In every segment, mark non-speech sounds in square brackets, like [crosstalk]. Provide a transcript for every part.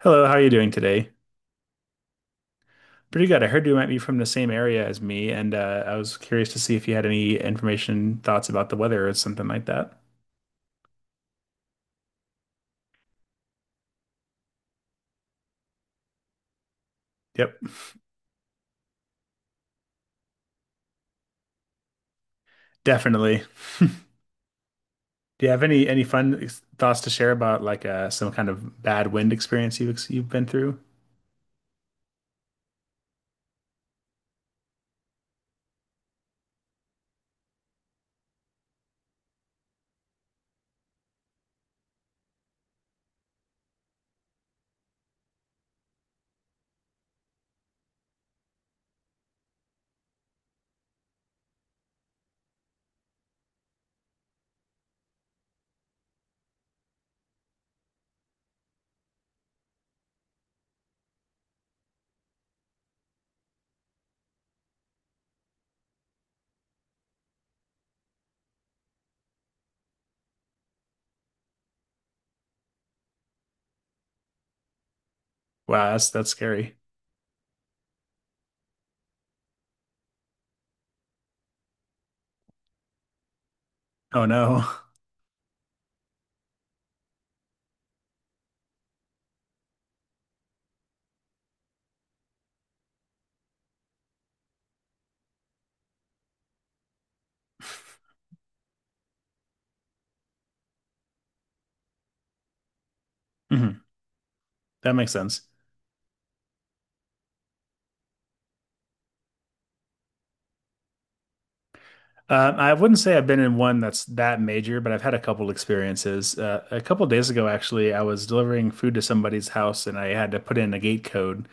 Hello, how are you doing today? Pretty good. I heard you might be from the same area as me, and I was curious to see if you had any information, thoughts about the weather or something like that. Yep, definitely. [laughs] Do you have any fun thoughts to share about some kind of bad wind experience you've you've been through? Wow, that's scary. Oh no. [laughs] Mhm. That makes sense. I wouldn't say I've been in one that's that major, but I've had a couple experiences. A couple days ago, actually, I was delivering food to somebody's house, and I had to put in a gate code.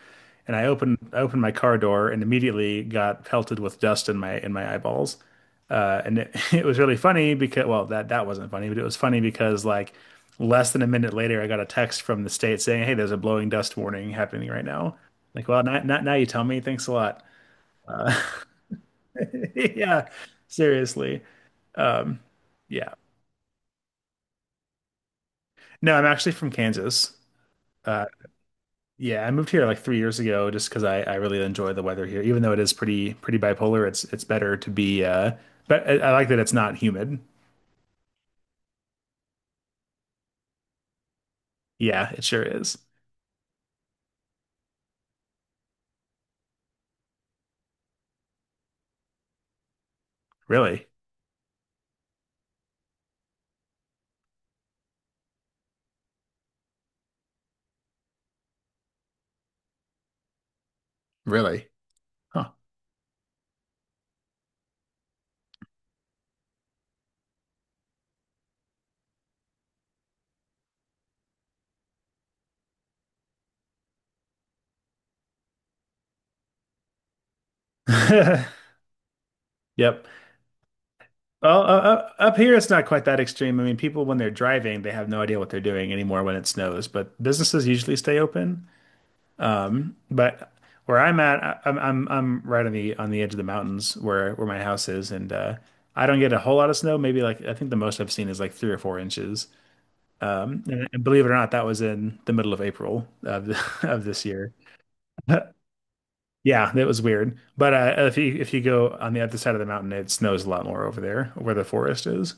And I opened my car door and immediately got pelted with dust in my eyeballs. [laughs] It was really funny because well, that wasn't funny, but it was funny because like less than a minute later, I got a text from the state saying, "Hey, there's a blowing dust warning happening right now." Like, well, not now you tell me. Thanks a lot. Uh, [laughs] yeah, seriously. Um, yeah. No, I'm actually from Kansas. Uh, yeah, I moved here like 3 years ago just because I really enjoy the weather here. Even though it is pretty bipolar, it's better to be but I like that it's not humid. Yeah, it sure is. Really? Really? Huh. [laughs] Yep. Well, up here it's not quite that extreme. I mean, people when they're driving, they have no idea what they're doing anymore when it snows, but businesses usually stay open. But where I'm at, I'm right on the edge of the mountains where my house is, and I don't get a whole lot of snow. Maybe like I think the most I've seen is like 3 or 4 inches. And believe it or not, that was in the middle of April [laughs] of this year. [laughs] Yeah, that was weird. But if you go on the other side of the mountain, it snows a lot more over there where the forest is.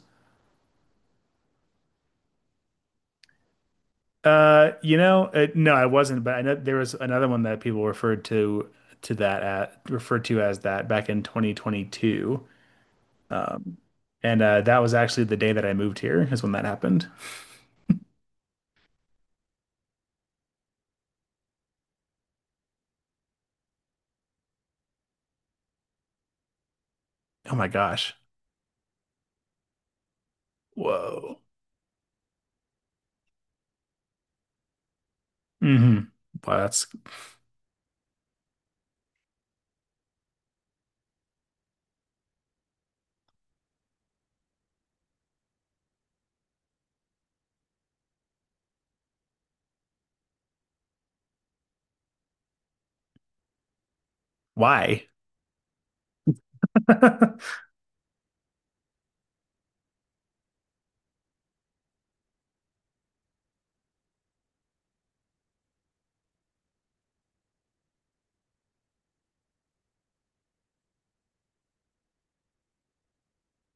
No, I wasn't, but I know there was another one that people referred to as that back in 2022. Um, and that was actually the day that I moved here is when that happened. Oh my gosh. Whoa. Hmm. Wow, that's why. [laughs]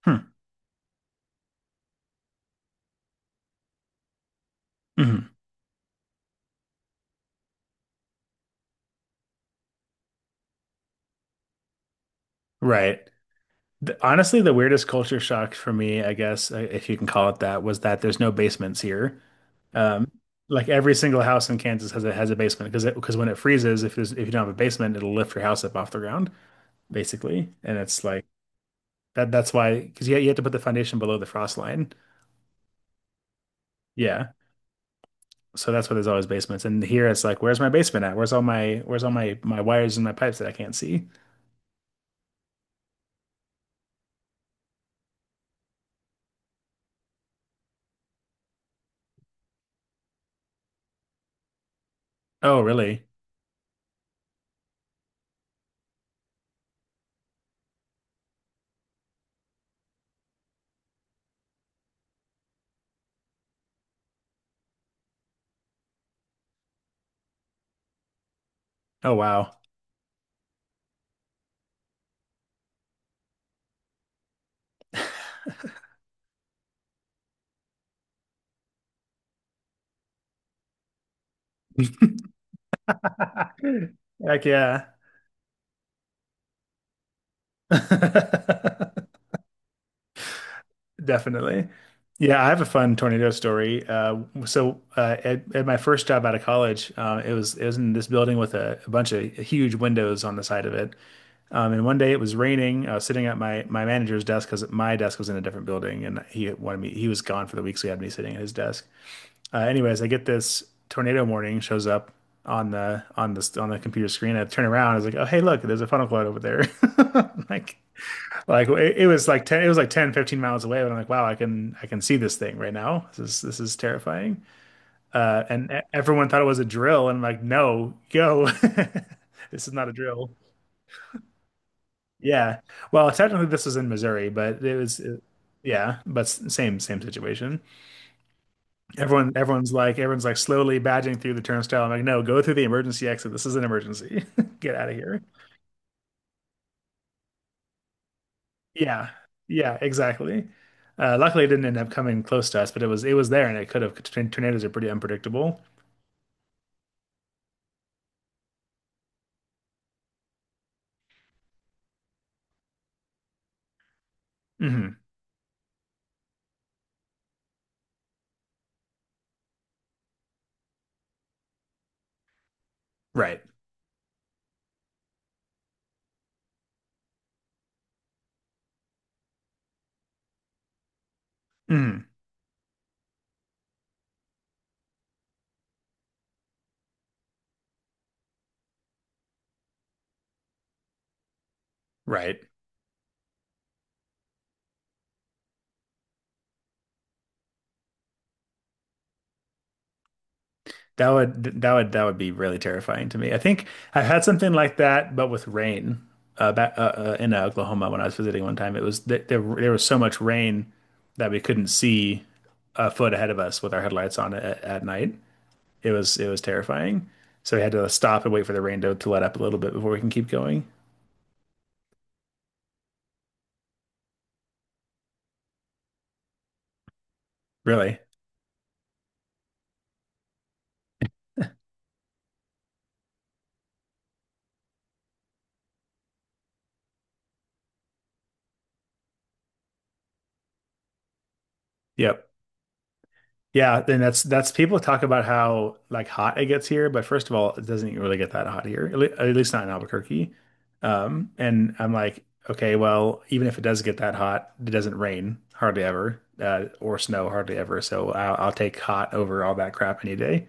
Hmm. Mhm. Right. The- honestly, the weirdest culture shock for me, I guess, if you can call it that, was that there's no basements here. Um, like every single house in Kansas has a basement because when it freezes, if you don't have a basement, it'll lift your house up off the ground basically, and it's like that. That's why, because you have to put the foundation below the frost line. Yeah. So that's why there's always basements. And here it's like, where's my basement at? Where's all my wires and my pipes that I can't see? Oh, really? Oh, wow. [laughs] Heck yeah. [laughs] Definitely. Yeah, I have a fun tornado story. At my first job out of college, it was in this building with a bunch of huge windows on the side of it. And One day it was raining. I was sitting at my manager's desk because my desk was in a different building, and he wanted me. He was gone for the week, so he had me sitting at his desk. Anyways, I get this tornado warning shows up on the computer screen. I turn around, I was like, "Oh, hey, look, there's a funnel cloud over there." [laughs] Like, it was like 10 it was like 10, 15 miles away, but I'm like, "Wow, I can see this thing right now. This is terrifying." Everyone thought it was a drill, and I'm like, "No, go. [laughs] This is not a drill." Yeah. Well, technically this was in Missouri, but it was yeah, but same situation. Everyone's like slowly badging through the turnstile. I'm like, no, go through the emergency exit. This is an emergency. [laughs] Get out of here. Yeah, yeah, exactly. Luckily, it didn't end up coming close to us, but it was there, and it could have. Tornadoes are pretty unpredictable. Hmm. Right. Hmm. Right. That would be really terrifying to me. I think I've had something like that, but with rain back in Oklahoma when I was visiting one time. It was th there was so much rain that we couldn't see a foot ahead of us with our headlights on at night. It was terrifying. So we had to stop and wait for the rain to let up a little bit before we can keep going. Really? Yep. Yeah, then that's people talk about how like hot it gets here, but first of all, it doesn't really get that hot here, at least not in Albuquerque. And I'm like, okay, well, even if it does get that hot, it doesn't rain hardly ever, or snow hardly ever. So I'll take hot over all that crap any day.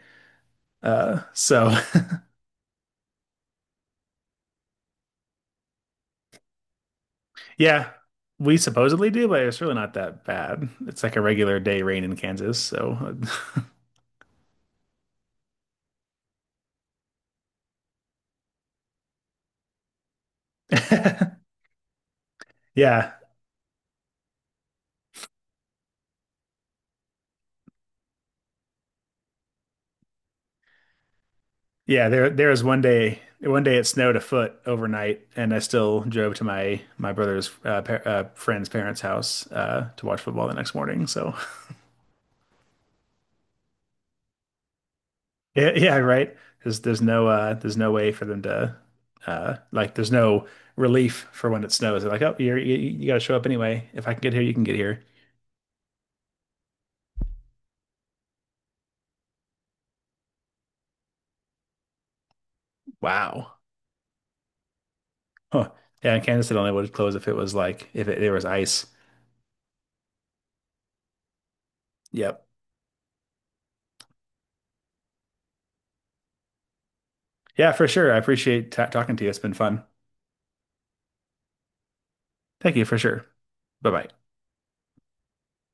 Uh, so [laughs] yeah, we supposedly do, but it's really not that bad. It's like a regular day rain in Kansas. So [laughs] yeah. Yeah, there was one day it snowed a foot overnight, and I still drove to my brother's par friend's parents' house to watch football the next morning. So [laughs] yeah, yeah, right. There's no there's no way for them to like there's no relief for when it snows. They're like, oh, you got to show up anyway. If I can get here, you can get here. Wow. Huh. Yeah, and Kansas City only would close if it was like if it, there was ice. Yep. Yeah, for sure. I appreciate ta talking to you. It's been fun. Thank you for sure. Bye bye.